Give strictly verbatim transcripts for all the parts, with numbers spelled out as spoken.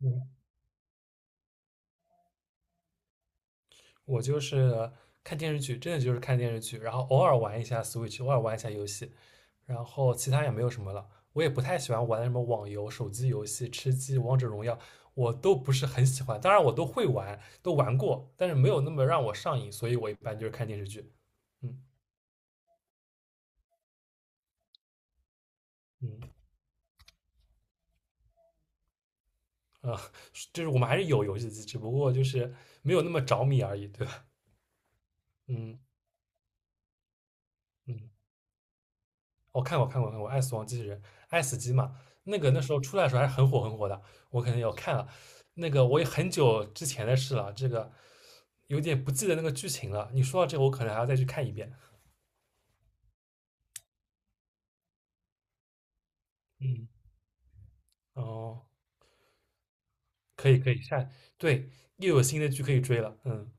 嗯，我就是看电视剧，真的就是看电视剧，然后偶尔玩一下 Switch，偶尔玩一下游戏，然后其他也没有什么了。我也不太喜欢玩什么网游、手机游戏、吃鸡、王者荣耀，我都不是很喜欢。当然，我都会玩，都玩过，但是没有那么让我上瘾，所以我一般就是看电视剧。嗯。嗯。啊，就是我们还是有游戏机，只不过就是没有那么着迷而已，对吧？嗯。嗯。我看过看过看过《爱死亡机器人》，《爱死机》嘛，那个那时候出来的时候还是很火很火的，我肯定有看了。那个我也很久之前的事了，这个有点不记得那个剧情了。你说到这个，我可能还要再去看一遍。嗯，哦，可以可以，下，对，又有新的剧可以追了。嗯。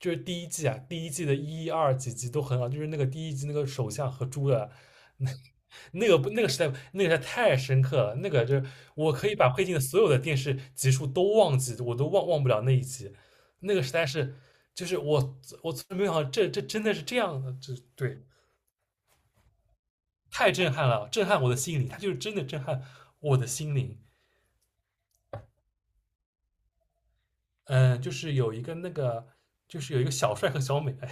就是第一季啊，第一季的一二几集都很好，就是那个第一季那个首相和猪的，那 那个不那个时代那个时代太深刻了，那个就是我可以把配镜的所有的电视集数都忘记，我都忘忘不了那一集，那个时代是，就是我我从来没有想到这这真的是这样的，这对。太震撼了，震撼我的心灵，它就是真的震撼我的心灵。嗯，就是有一个那个就是有一个小帅和小美，哎，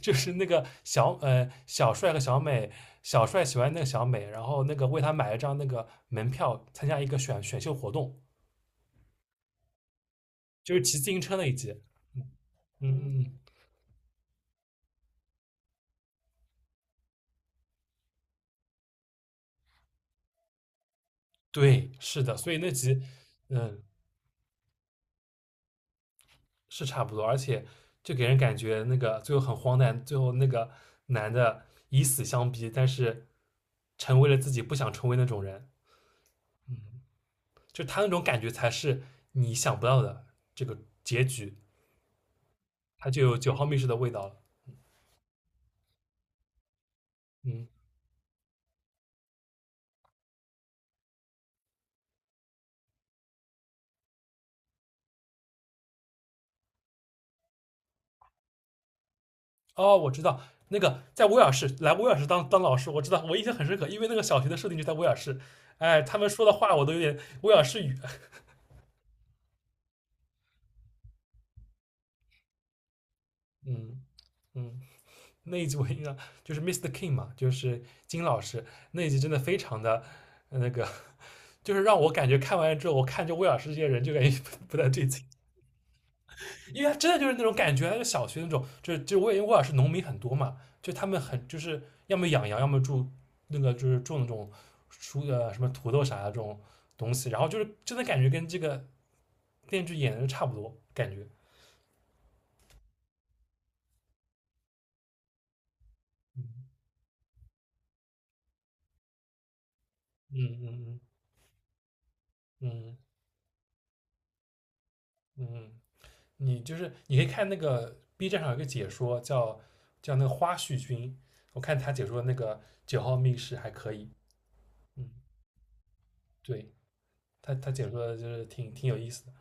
就是那个小呃小帅和小美，小帅喜欢那个小美，然后那个为他买一张那个门票，参加一个选选秀活动，就是骑自行车那一集。嗯，嗯嗯。对，是的，所以那集。嗯。是差不多，而且就给人感觉那个最后很荒诞，最后那个男的以死相逼，但是成为了自己不想成为那种人，就他那种感觉才是你想不到的这个结局，他就有九号密室的味道了。嗯。哦，我知道那个在威尔士，来威尔士当当老师，我知道，我印象很深刻，因为那个小学的设定就在威尔士。哎，他们说的话我都有点威尔士语。嗯。嗯，那一集我印象，就是 密斯特 King 嘛，就是金老师，那一集真的非常的，呃那个，就是让我感觉看完之后，我看就威尔士这些人就感觉 不不太对劲。因为他真的就是那种感觉，就小学那种，就是就我也因为沃尔是农民很多嘛，就他们很就是要么养羊，要么住那个就是种那种蔬呃什么土豆啥的这种东西，然后就是真的感觉跟这个电视剧演的差不多，感觉。嗯嗯嗯。嗯。嗯，嗯，你就是你可以看那个 B 站上有一个解说叫，叫那个花絮君，我看他解说那个九号密室还可以。嗯，对。他他解说的就是挺挺有意思的。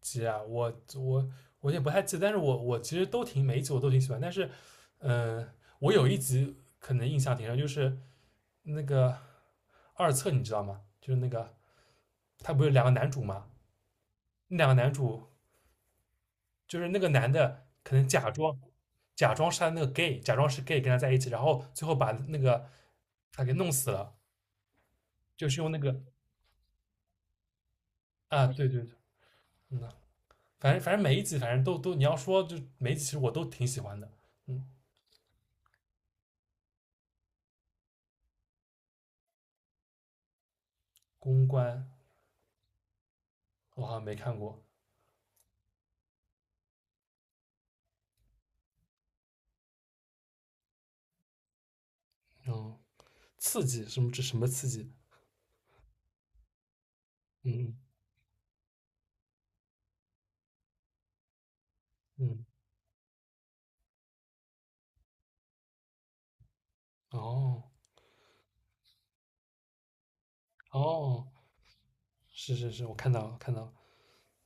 集啊，我我我也不太记得，但是我我其实都挺，每一集我都挺喜欢，但是，嗯、呃我有一集可能印象挺深，就是那个二册，你知道吗？就是那个，他不是有两个男主吗？那两个男主，就是那个男的可能假装，假装是他那个 gay，假装是 gay 跟他在一起，然后最后把那个他给弄死了，就是用那个。啊，对对对。嗯。反正，反正每一集反正都都你要说，就每一集其实我都挺喜欢的。嗯，公关，我好像没看过。嗯，刺激什么？这什么刺激？嗯。嗯，哦。哦，是是是，我看到了看到了。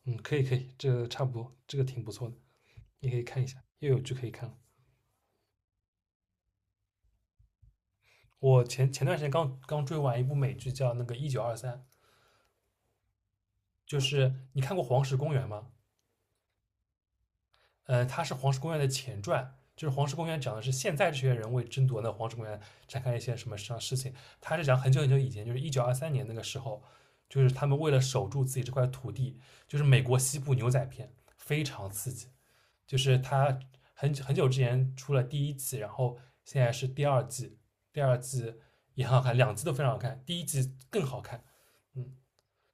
嗯，可以可以，这个差不多，这个挺不错的，你可以看一下，又有剧可以看了。我前前段时间刚刚追完一部美剧，叫那个《一九二三》。就是你看过《黄石公园》吗？呃，它是《黄石公园》的前传，就是《黄石公园》讲的是现在这些人为争夺那黄石公园展开一些什么什么事情。它是讲很久很久以前，就是一九二三年那个时候，就是他们为了守住自己这块土地，就是美国西部牛仔片，非常刺激。就是它很很久之前出了第一季，然后现在是第二季，第二季也很好看，两季都非常好看，第一季更好看。嗯，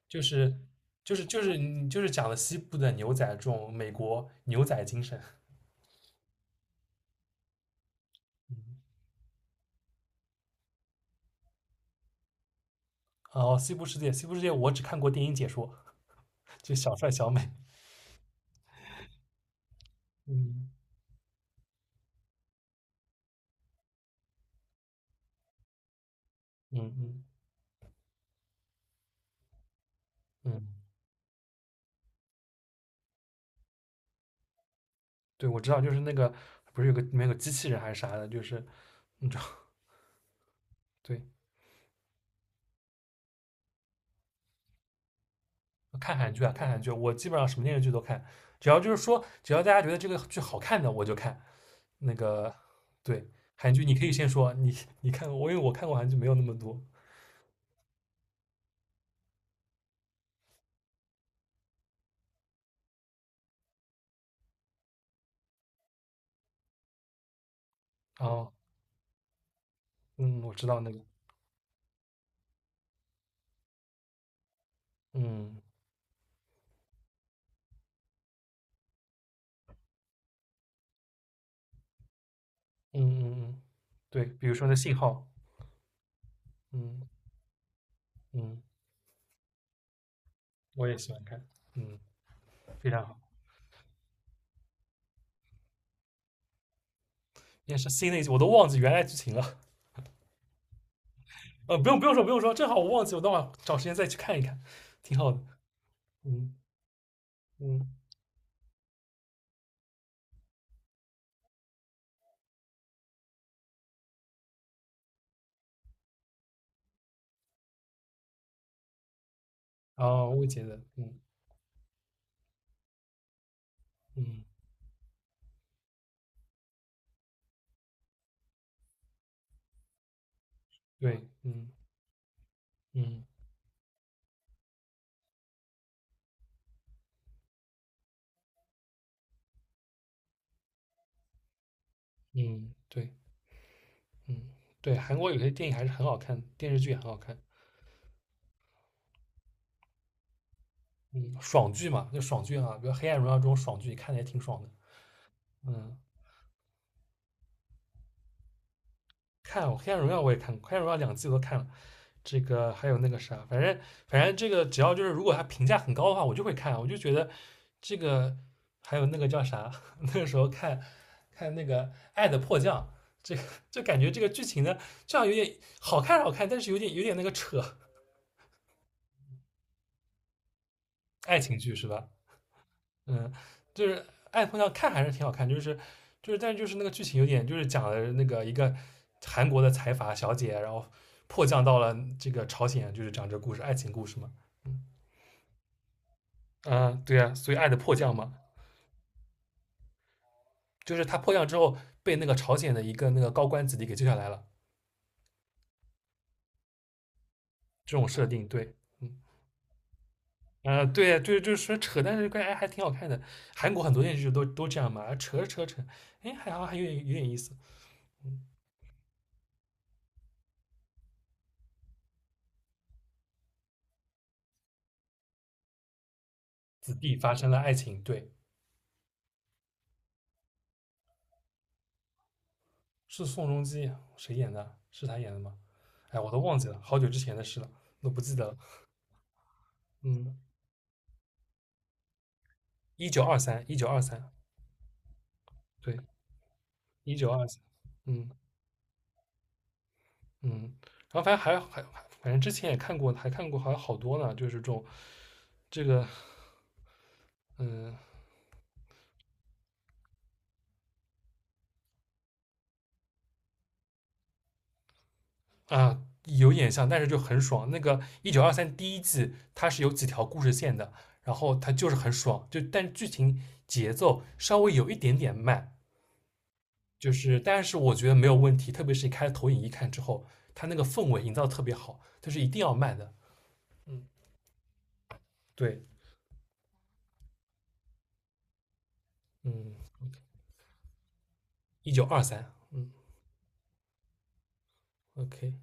就是就是就是你就是讲了西部的牛仔这种美国牛仔精神。哦，《西部世界》，《西部世界》我只看过电影解说，就小帅小美。嗯嗯嗯。嗯，对，我知道，就是那个不是有个里面有个机器人还是啥的，就是你知道。对，看韩剧啊，看韩剧，我基本上什么电视剧都看，只要就是说，只要大家觉得这个剧好看的，我就看。那个，对，韩剧你可以先说，你你看过，我因为我看过韩剧没有那么多。哦，嗯，我知道那个。嗯嗯嗯嗯。对，比如说那信号。嗯嗯，我也喜欢看。嗯。非常好。也是新的一集，我都忘记原来剧情了。呃，不用不用说不用说，正好我忘记，我等会找时间再去看一看，挺好的。嗯。嗯，哦，我也觉得。嗯。嗯，对。嗯嗯嗯。对。嗯。对，韩国有些电影还是很好看，电视剧也很好看。嗯，爽剧嘛，就爽剧啊，比如《黑暗荣耀》这种爽剧，看的也挺爽的。嗯，看《黑暗荣耀》我也看过，《黑暗荣耀》两季我都看了，这个还有那个啥，反正反正这个只要就是如果它评价很高的话，我就会看，我就觉得这个，还有那个叫啥，那个时候看，看那个《爱的迫降》，这个就感觉这个剧情呢，这样有点好看好看，但是有点有点那个扯。爱情剧是吧？嗯，就是爱碰上看还是挺好看，就是就是，但是就是那个剧情有点，就是讲了那个一个韩国的财阀小姐，然后迫降到了这个朝鲜，就是讲这个故事，爱情故事嘛。嗯，啊，对啊，所以爱的迫降嘛，就是他迫降之后被那个朝鲜的一个那个高官子弟给救下来了，这种设定，对。嗯，啊，对啊，对，就是说扯，但是感觉哎还挺好看的。韩国很多电视剧都都这样嘛，啊扯着扯着扯，哎，还好还有点有点意思。子弟发生了爱情，对。是宋仲基谁演的？是他演的吗？哎，我都忘记了，好久之前的事了，都不记得了。嗯，一九二三，一九二三，对，一九二三。嗯嗯，然后反正还还反正之前也看过，还看过，还有好多呢，就是这种这个。嗯。啊，有点像，但是就很爽。那个一九二三第一季它是有几条故事线的，然后它就是很爽，就但剧情节奏稍微有一点点慢，就是，但是我觉得没有问题，特别是你开投影仪看之后，它那个氛围营造特别好，但是一定要慢的。嗯，对，嗯，一九二三，嗯，OK。